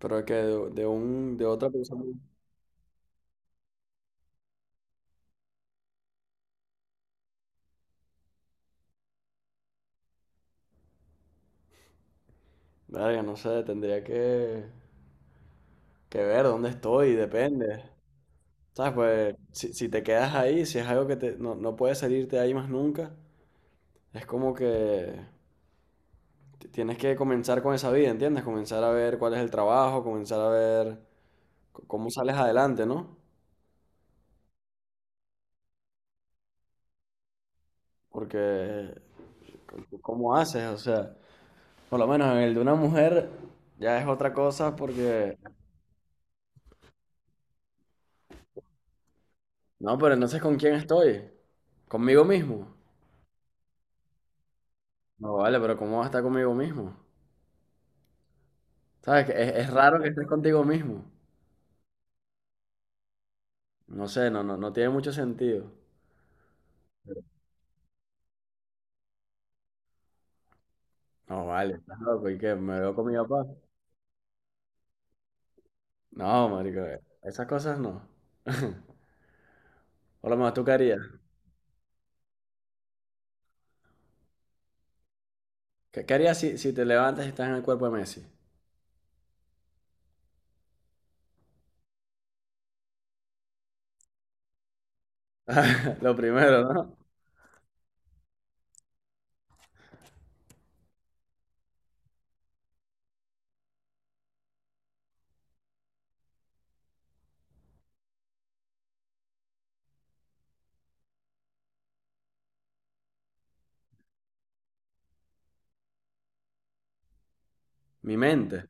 Pero que de otra persona. Verga, no sé, tendría que ver dónde estoy, depende. ¿Sabes? Pues si, si te quedas ahí, si es algo que te, no, no puedes salirte ahí más nunca, es como que tienes que comenzar con esa vida, ¿entiendes? Comenzar a ver cuál es el trabajo, comenzar a ver cómo sales adelante, ¿no? Porque, ¿cómo haces? O sea, por lo menos en el de una mujer ya es otra cosa porque... No, pero entonces ¿con quién estoy? ¿Conmigo mismo? No vale, pero ¿cómo vas a estar conmigo mismo? ¿Sabes? Que es raro que estés contigo mismo. No sé, no, no, no tiene mucho sentido. No vale, estás loco. ¿Y qué? ¿Me veo con mi papá? No, marico, esas cosas no. Por lo menos, ¿tú qué harías? ¿Qué, qué harías si, si te levantas y estás en el cuerpo de Messi? Lo primero, ¿no? Mi mente.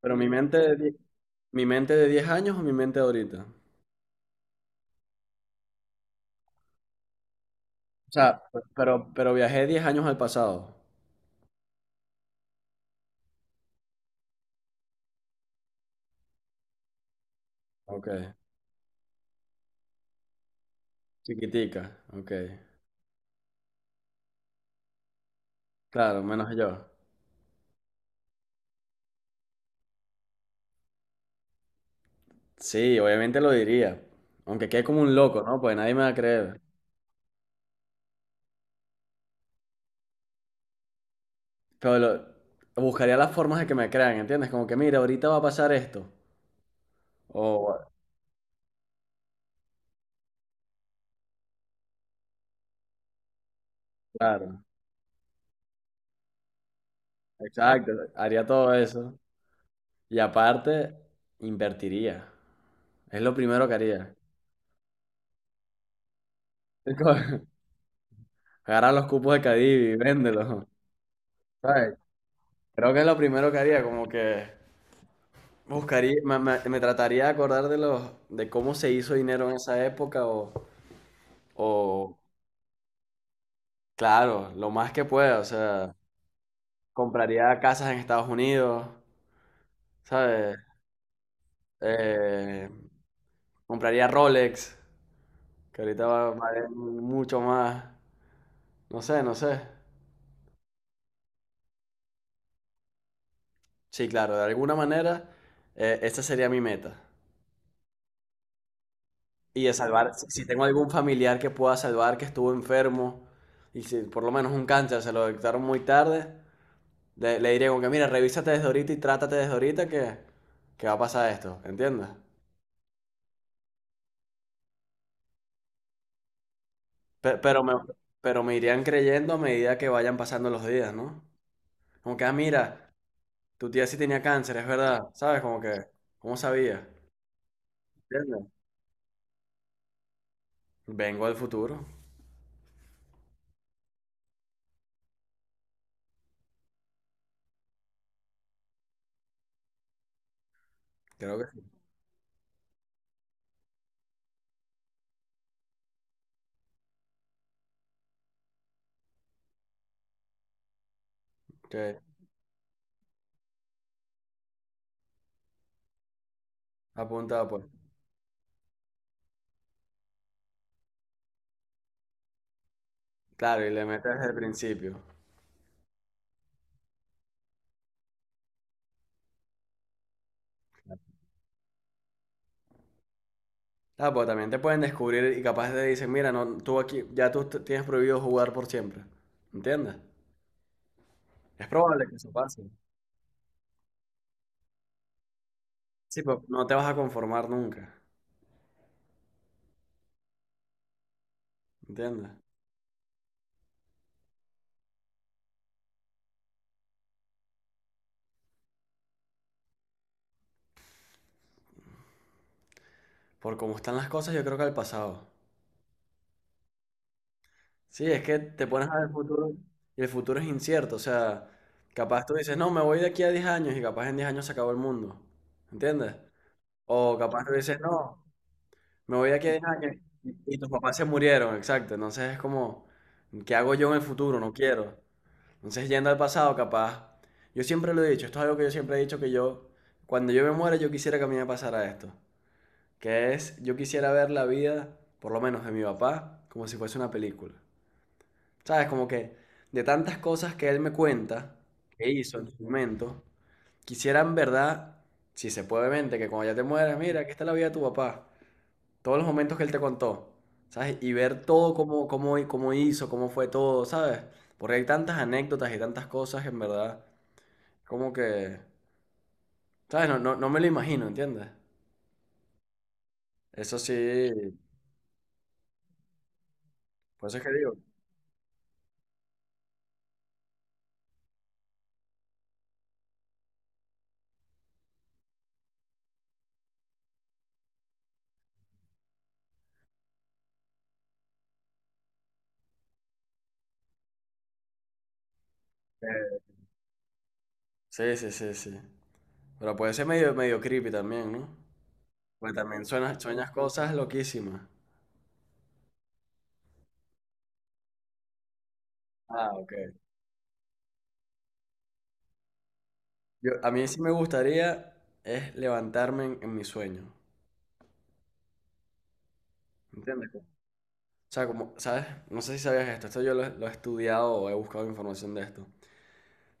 Pero mi mente de 10 años o mi mente de ahorita. O sea, pero viajé 10 años al pasado. Ok. Chiquitica. Ok. Claro, menos yo. Sí, obviamente lo diría. Aunque quede como un loco, ¿no? Pues nadie me va a creer. Pero lo- Buscaría las formas de que me crean, ¿entiendes? Como que, mira, ahorita va a pasar esto. O, claro, exacto. Haría todo eso. Y aparte, invertiría. Es lo primero que haría. Co- Agarrar los cupos de Cadivi y véndelos. ¿Sabes? Creo que es lo primero que haría, como que buscaría, me trataría de acordar de los, de cómo se hizo dinero en esa época o, claro, lo más que pueda, o sea. Compraría casas en Estados Unidos, ¿sabes? Eh, compraría Rolex, que ahorita valen mucho más. No sé, no sé. Sí, claro, de alguna manera, esa sería mi meta. Y de salvar, si, si tengo algún familiar que pueda salvar que estuvo enfermo, y si por lo menos un cáncer se lo detectaron muy tarde, le diré como que, mira, revísate desde ahorita y trátate desde ahorita que va a pasar esto, ¿entiendes? Pe- Pero me, pero me irían creyendo a medida que vayan pasando los días, ¿no? Como que, ah, mira, tu tía sí tenía cáncer, es verdad. ¿Sabes? Como que, ¿cómo sabía? ¿Entiendes? Vengo del futuro. Creo que sí. Que apunta, pues. Claro, y le metes desde el principio. Ah, pues también te pueden descubrir y capaz te dicen, mira, no, tú aquí, ya tú tienes prohibido jugar por siempre. ¿Entiendes? Es probable que eso pase. Sí, pero no te vas a conformar nunca. ¿Entiendes? Por cómo están las cosas, yo creo que al pasado. Sí, es que te pones a ver el futuro y el futuro es incierto. O sea, capaz tú dices, no, me voy de aquí a 10 años y capaz en 10 años se acabó el mundo. ¿Entiendes? O capaz tú dices, no, me voy de aquí a 10 años y tus papás se murieron, exacto. Entonces es como, ¿qué hago yo en el futuro? No quiero. Entonces yendo al pasado, capaz. Yo siempre lo he dicho, esto es algo que yo siempre he dicho que yo, cuando yo me muera, yo quisiera que a mí me pasara esto. Que es, yo quisiera ver la vida, por lo menos de mi papá, como si fuese una película. ¿Sabes? Como que de tantas cosas que él me cuenta, que hizo en su momento, quisiera en verdad, si se puede, obviamente, que cuando ya te mueras, mira, aquí está la vida de tu papá, todos los momentos que él te contó, ¿sabes? Y ver todo cómo, cómo, cómo hizo, cómo fue todo, ¿sabes? Porque hay tantas anécdotas y tantas cosas que en verdad, como que, ¿sabes? No, no, no me lo imagino, ¿entiendes? Eso sí, por eso es que digo. eh, sí, sí, sí, sí. Pero puede ser medio, medio creepy también, ¿no? Porque también suenas, sueñas cosas loquísimas. Ah, ok. Yo, a mí sí me gustaría es levantarme en mi sueño. ¿Entiendes? O sea, como, ¿sabes? No sé si sabías esto. Esto yo lo he estudiado o he buscado información de esto.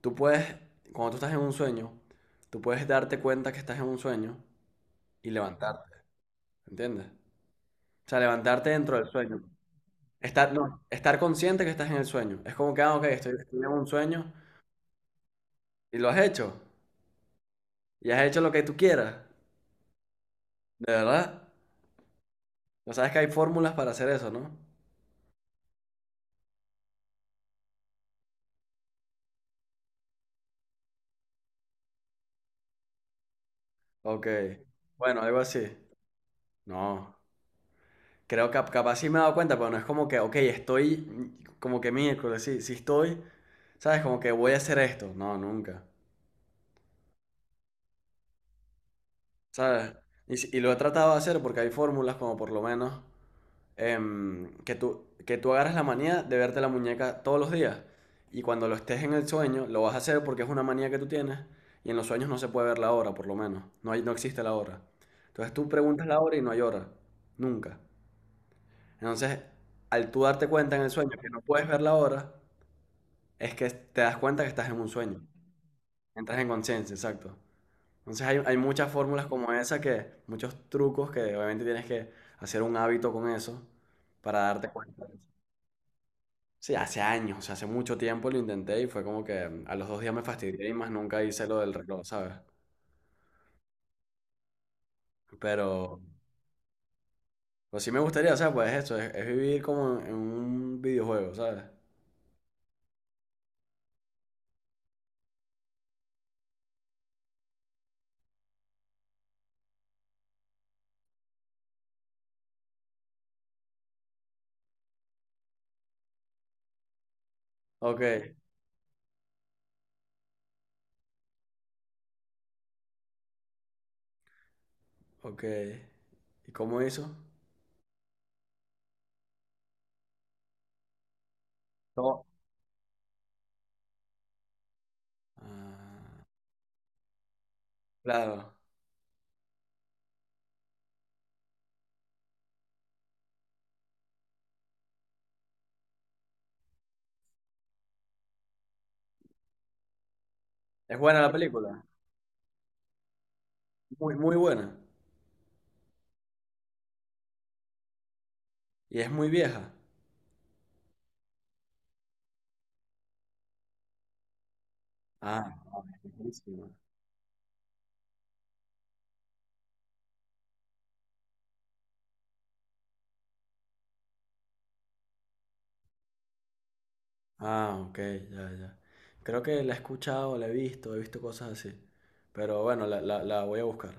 Tú puedes, cuando tú estás en un sueño, tú puedes darte cuenta que estás en un sueño y levantarte. ¿Entiendes? O sea, levantarte dentro del sueño. Estar, no, estar consciente que estás en el sueño. Es como que, ah, ok, estoy en un sueño y lo has hecho. Y has hecho lo que tú quieras. ¿De verdad? O sabes que hay fórmulas para hacer eso, ¿no? Ok, bueno, algo así. No, creo que capaz sí me he dado cuenta, pero no es como que, ok, estoy como que miércoles, sí, sí estoy, ¿sabes? Como que voy a hacer esto. No, nunca, ¿sabes? Y, si- y lo he tratado de hacer porque hay fórmulas como por lo menos que tú, agarras la manía de verte la muñeca todos los días y cuando lo estés en el sueño lo vas a hacer porque es una manía que tú tienes y en los sueños no se puede ver la hora, por lo menos. No hay, no existe la hora. Entonces tú preguntas la hora y no hay hora, nunca. Entonces, al tú darte cuenta en el sueño que no puedes ver la hora, es que te das cuenta que estás en un sueño. Entras en conciencia, exacto. Entonces hay muchas fórmulas como esa que, muchos trucos que obviamente tienes que hacer un hábito con eso para darte cuenta. Sí, hace años, o sea, hace mucho tiempo lo intenté y fue como que a los 2 días me fastidié y más nunca hice lo del reloj, ¿sabes? Pero, pues sí me gustaría, o sea, pues eso, es vivir como en un videojuego, ¿sabes? Ok, ok. ¿Y cómo hizo? No. Ah, claro. Es buena la película. Muy, muy buena. Y es muy vieja. Ah, no, es buenísima. Ah, ok, ya, ya. Creo que la he escuchado, la he visto cosas así. Pero bueno, la voy a buscar.